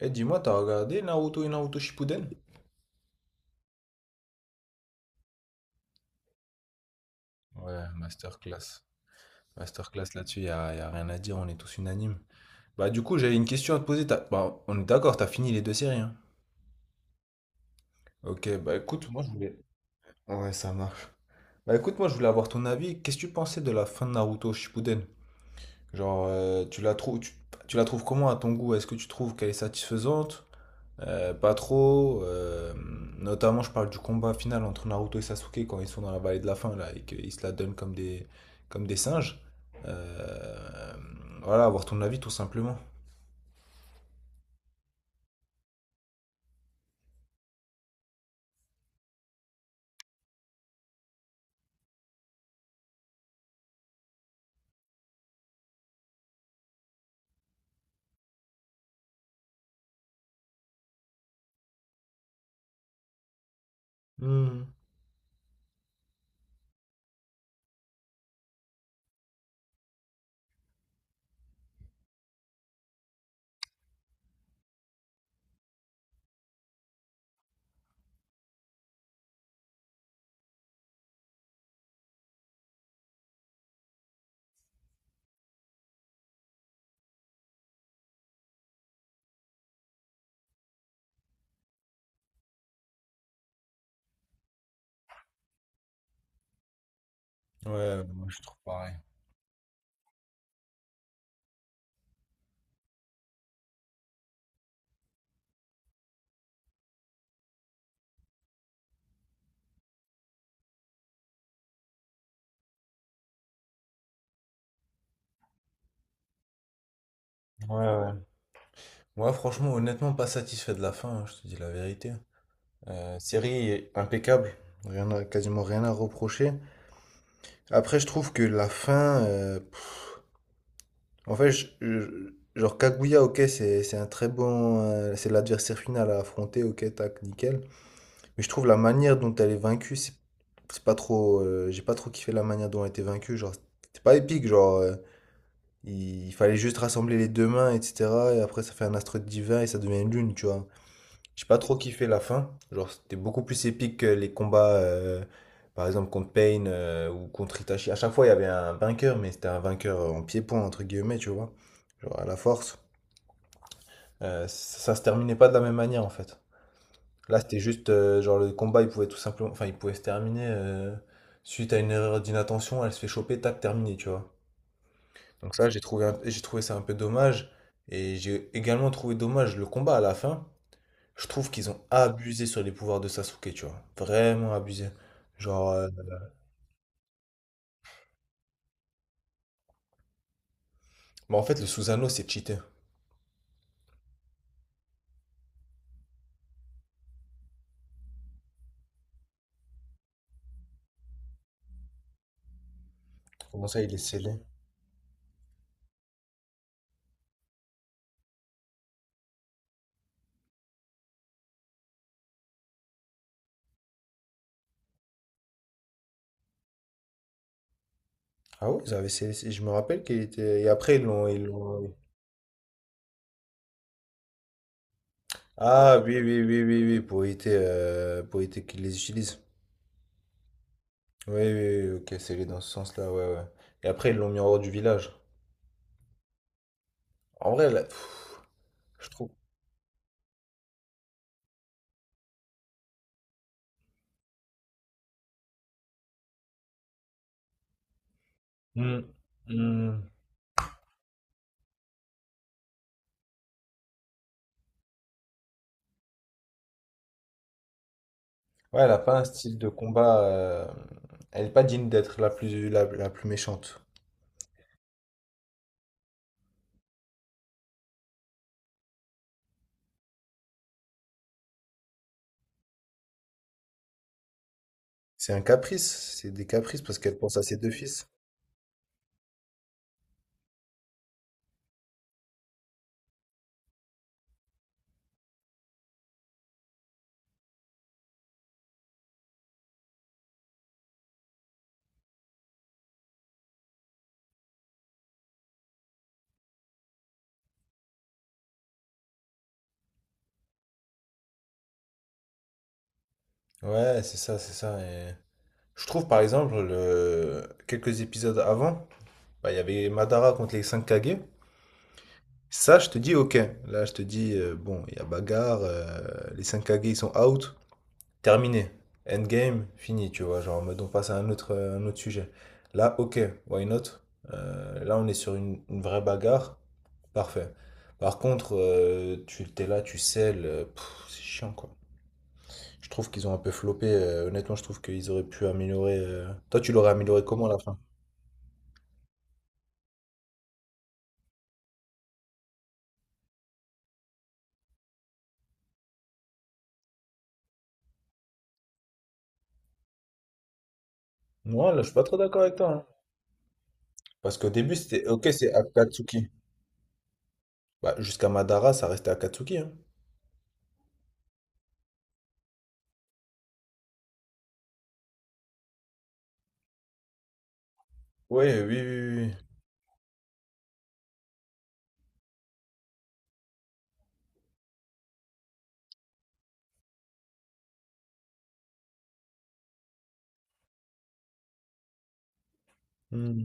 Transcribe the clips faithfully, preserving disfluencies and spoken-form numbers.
Eh, dis-moi, t'as regardé Naruto et Naruto Shippuden? Ouais, masterclass. Masterclass là-dessus, y a, y a rien à dire, on est tous unanimes. Bah, du coup, j'avais une question à te poser. t'as- Bah, on est d'accord, t'as fini les deux séries, hein. Ok, bah écoute, moi je voulais. Ouais, ça marche. Bah écoute, moi je voulais avoir ton avis. Qu'est-ce que tu pensais de la fin de Naruto Shippuden? Genre, euh, tu la trouves, tu, tu la trouves comment à ton goût? Est-ce que tu trouves qu'elle est satisfaisante? Euh, pas trop. Euh, notamment, je parle du combat final entre Naruto et Sasuke quand ils sont dans la vallée de la fin là, et qu'ils se la donnent comme des, comme des singes. Euh, voilà, avoir ton avis tout simplement. Hmm. Ouais, moi, je trouve pareil. Ouais, ouais. Moi, franchement, honnêtement, pas satisfait de la fin, hein, je te dis la vérité. Euh, série impeccable, rien à- quasiment rien à reprocher. Après, je trouve que la fin, en fait, je- je- genre Kaguya, ok, c'est c'est un très bon. Euh, c'est l'adversaire final à affronter, ok, tac, nickel. Mais je trouve la manière dont elle est vaincue, c'est c'est pas trop. Euh, j'ai pas trop kiffé la manière dont elle était vaincue. Genre, c'est pas épique, genre. Euh, il, il fallait juste rassembler les deux mains, et cetera. Et après, ça fait un astre divin et ça devient une lune, tu vois. J'ai pas trop kiffé la fin. Genre, c'était beaucoup plus épique que les combats, euh, par exemple, contre Pain euh, ou contre Itachi. À chaque fois, il y avait un vainqueur, mais c'était un vainqueur en pied-point, entre guillemets, tu vois. Genre, à la force. Euh, ça, ça se terminait pas de la même manière, en fait. Là, c'était juste, euh, genre, le combat, il pouvait tout simplement. Enfin, il pouvait se terminer euh, suite à une erreur d'inattention, elle se fait choper, tac, terminé, tu vois. Donc, ça, j'ai trouvé, un- j'ai trouvé ça un peu dommage. Et j'ai également trouvé dommage le combat à la fin. Je trouve qu'ils ont abusé sur les pouvoirs de Sasuke, tu vois. Vraiment abusé. Genre. euh, Bah, en fait, le Susanoo, c'est cheaté. Comment ça, il est scellé? Ah oui, ils avaient scellé. Je me rappelle qu'il était. Et après, ils l'ont. ils l'ont- oui. Ah oui, oui, oui, oui, oui, pour éviter, euh, pour éviter qu'ils les utilisent. Oui, oui, oui, ok, scellé dans ce sens-là, ouais, ouais. Et après, ils l'ont mis en hors du village. En vrai, là, pff, je trouve. Hmm, hmm. Ouais, elle a pas un style de combat. euh, Elle est pas digne d'être la plus, la, la plus méchante. C'est un caprice, c'est des caprices parce qu'elle pense à ses deux fils. Ouais, c'est ça, c'est ça. Et je trouve par exemple, le... quelques épisodes avant, bah, il y avait Madara contre les cinq Kage. Ça, je te dis ok. Là, je te dis, euh, bon, il y a bagarre, euh, les cinq Kage ils sont out, terminé. Endgame, fini, tu vois. Genre, en mode, on passe à un autre, euh, un autre sujet. Là, ok, why not? Euh, là, on est sur une, une vraie bagarre, parfait. Par contre, euh, tu t'es là, tu selles, euh, pff, c'est chiant quoi. Je trouve qu'ils ont un peu floppé. Euh, honnêtement, je trouve qu'ils auraient pu améliorer. euh, Toi, tu l'aurais amélioré comment à la fin? Moi, là, je suis pas trop d'accord avec toi, hein. Parce qu'au début, c'était OK, c'est Akatsuki. Bah, jusqu'à Madara, ça restait Akatsuki. Hein. Oui, oui, oui, oui. Hmm.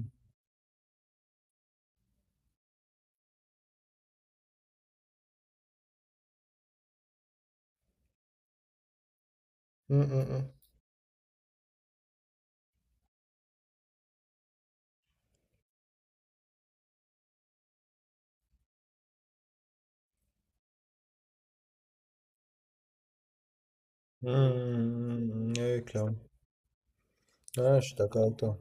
Hmm, hmm, hmm. Hmm, ouais, clairement. Ouais, je suis d'accord avec toi.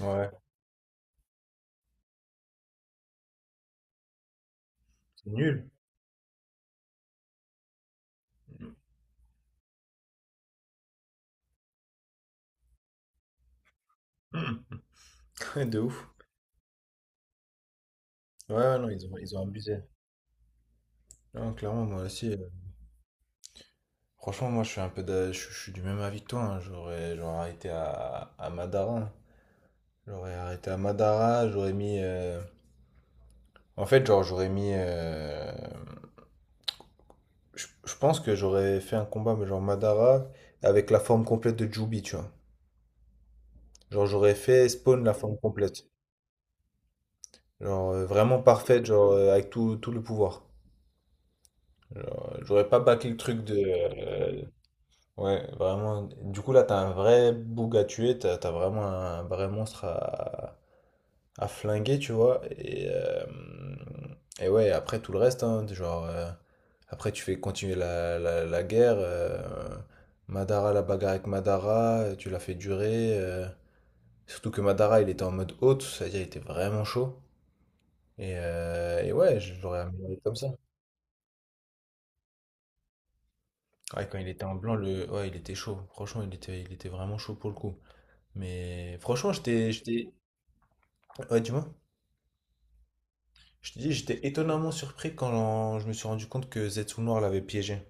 Ouais, c'est nul. Hmm. De ouf. Ouais, ouais, non, ils ont, ils ont abusé. Non, clairement, moi aussi. euh, Franchement, moi, je suis un peu d'a- je, je suis du même avis que toi, hein. J'aurais, j'aurais arrêté à, à Madara, hein. J'aurais arrêté à Madara. J'aurais mis. euh, En fait, genre, j'aurais mis. euh, Je, je pense que j'aurais fait un combat, mais genre Madara avec la forme complète de Jubi, tu vois. Genre, j'aurais fait Spawn la forme complète. Genre, euh, vraiment parfaite, genre, euh, avec tout, tout le pouvoir. Genre, euh, j'aurais pas bâclé le truc de. euh, Ouais, vraiment. Du coup, là, t'as un vrai boug à tuer. T'as, t'as vraiment un vrai monstre à à flinguer, tu vois. Et, euh, et ouais, après tout le reste, hein, genre, euh, après tu fais continuer la, la, la guerre. euh, Madara, la bagarre avec Madara, euh, tu l'as fait durer. Euh, surtout que Madara, il était en mode haute, c'est-à-dire il était vraiment chaud. Et, euh, et ouais, je l'aurais amélioré comme ça. Ouais, quand il était en blanc, le... ouais, il était chaud. Franchement, il était, il était vraiment chaud pour le coup. Mais franchement, j'étais, j'étais... Ouais, dis-moi. Je te dis, j'étais étonnamment surpris quand je me suis rendu compte que Zetsu Noir l'avait piégé.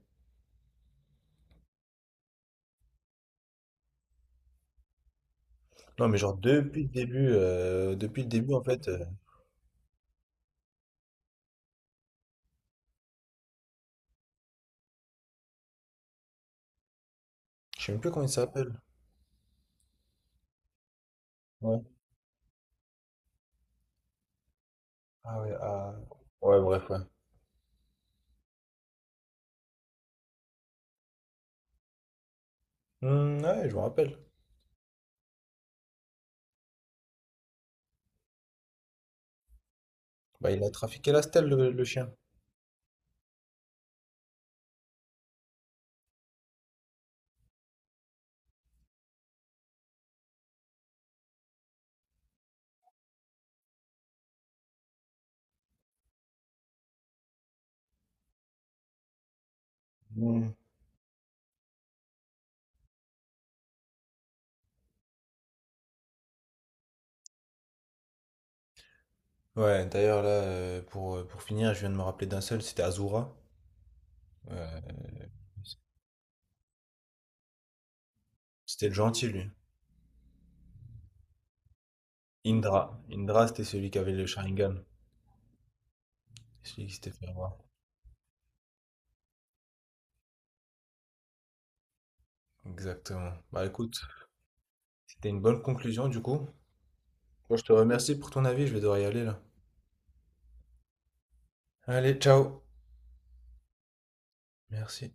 Non, mais genre depuis le début, euh, depuis le début en fait, euh, je sais même plus comment il s'appelle. Ouais. Ah ouais, ah. Ouais, bref, ouais. Hmm, ouais, je me rappelle. Bah, il a trafiqué la stèle, le, le chien. Hmm. Ouais, d'ailleurs, là, euh, pour, euh, pour finir, je viens de me rappeler d'un seul, c'était Azura. Euh, C'était le gentil, lui. Indra. Indra, c'était celui qui avait le Sharingan. Celui qui s'était fait avoir. Exactement. Bah, écoute, c'était une bonne conclusion, du coup. Moi, je te remercie pour ton avis, je vais devoir y aller, là. Allez, ciao. Merci.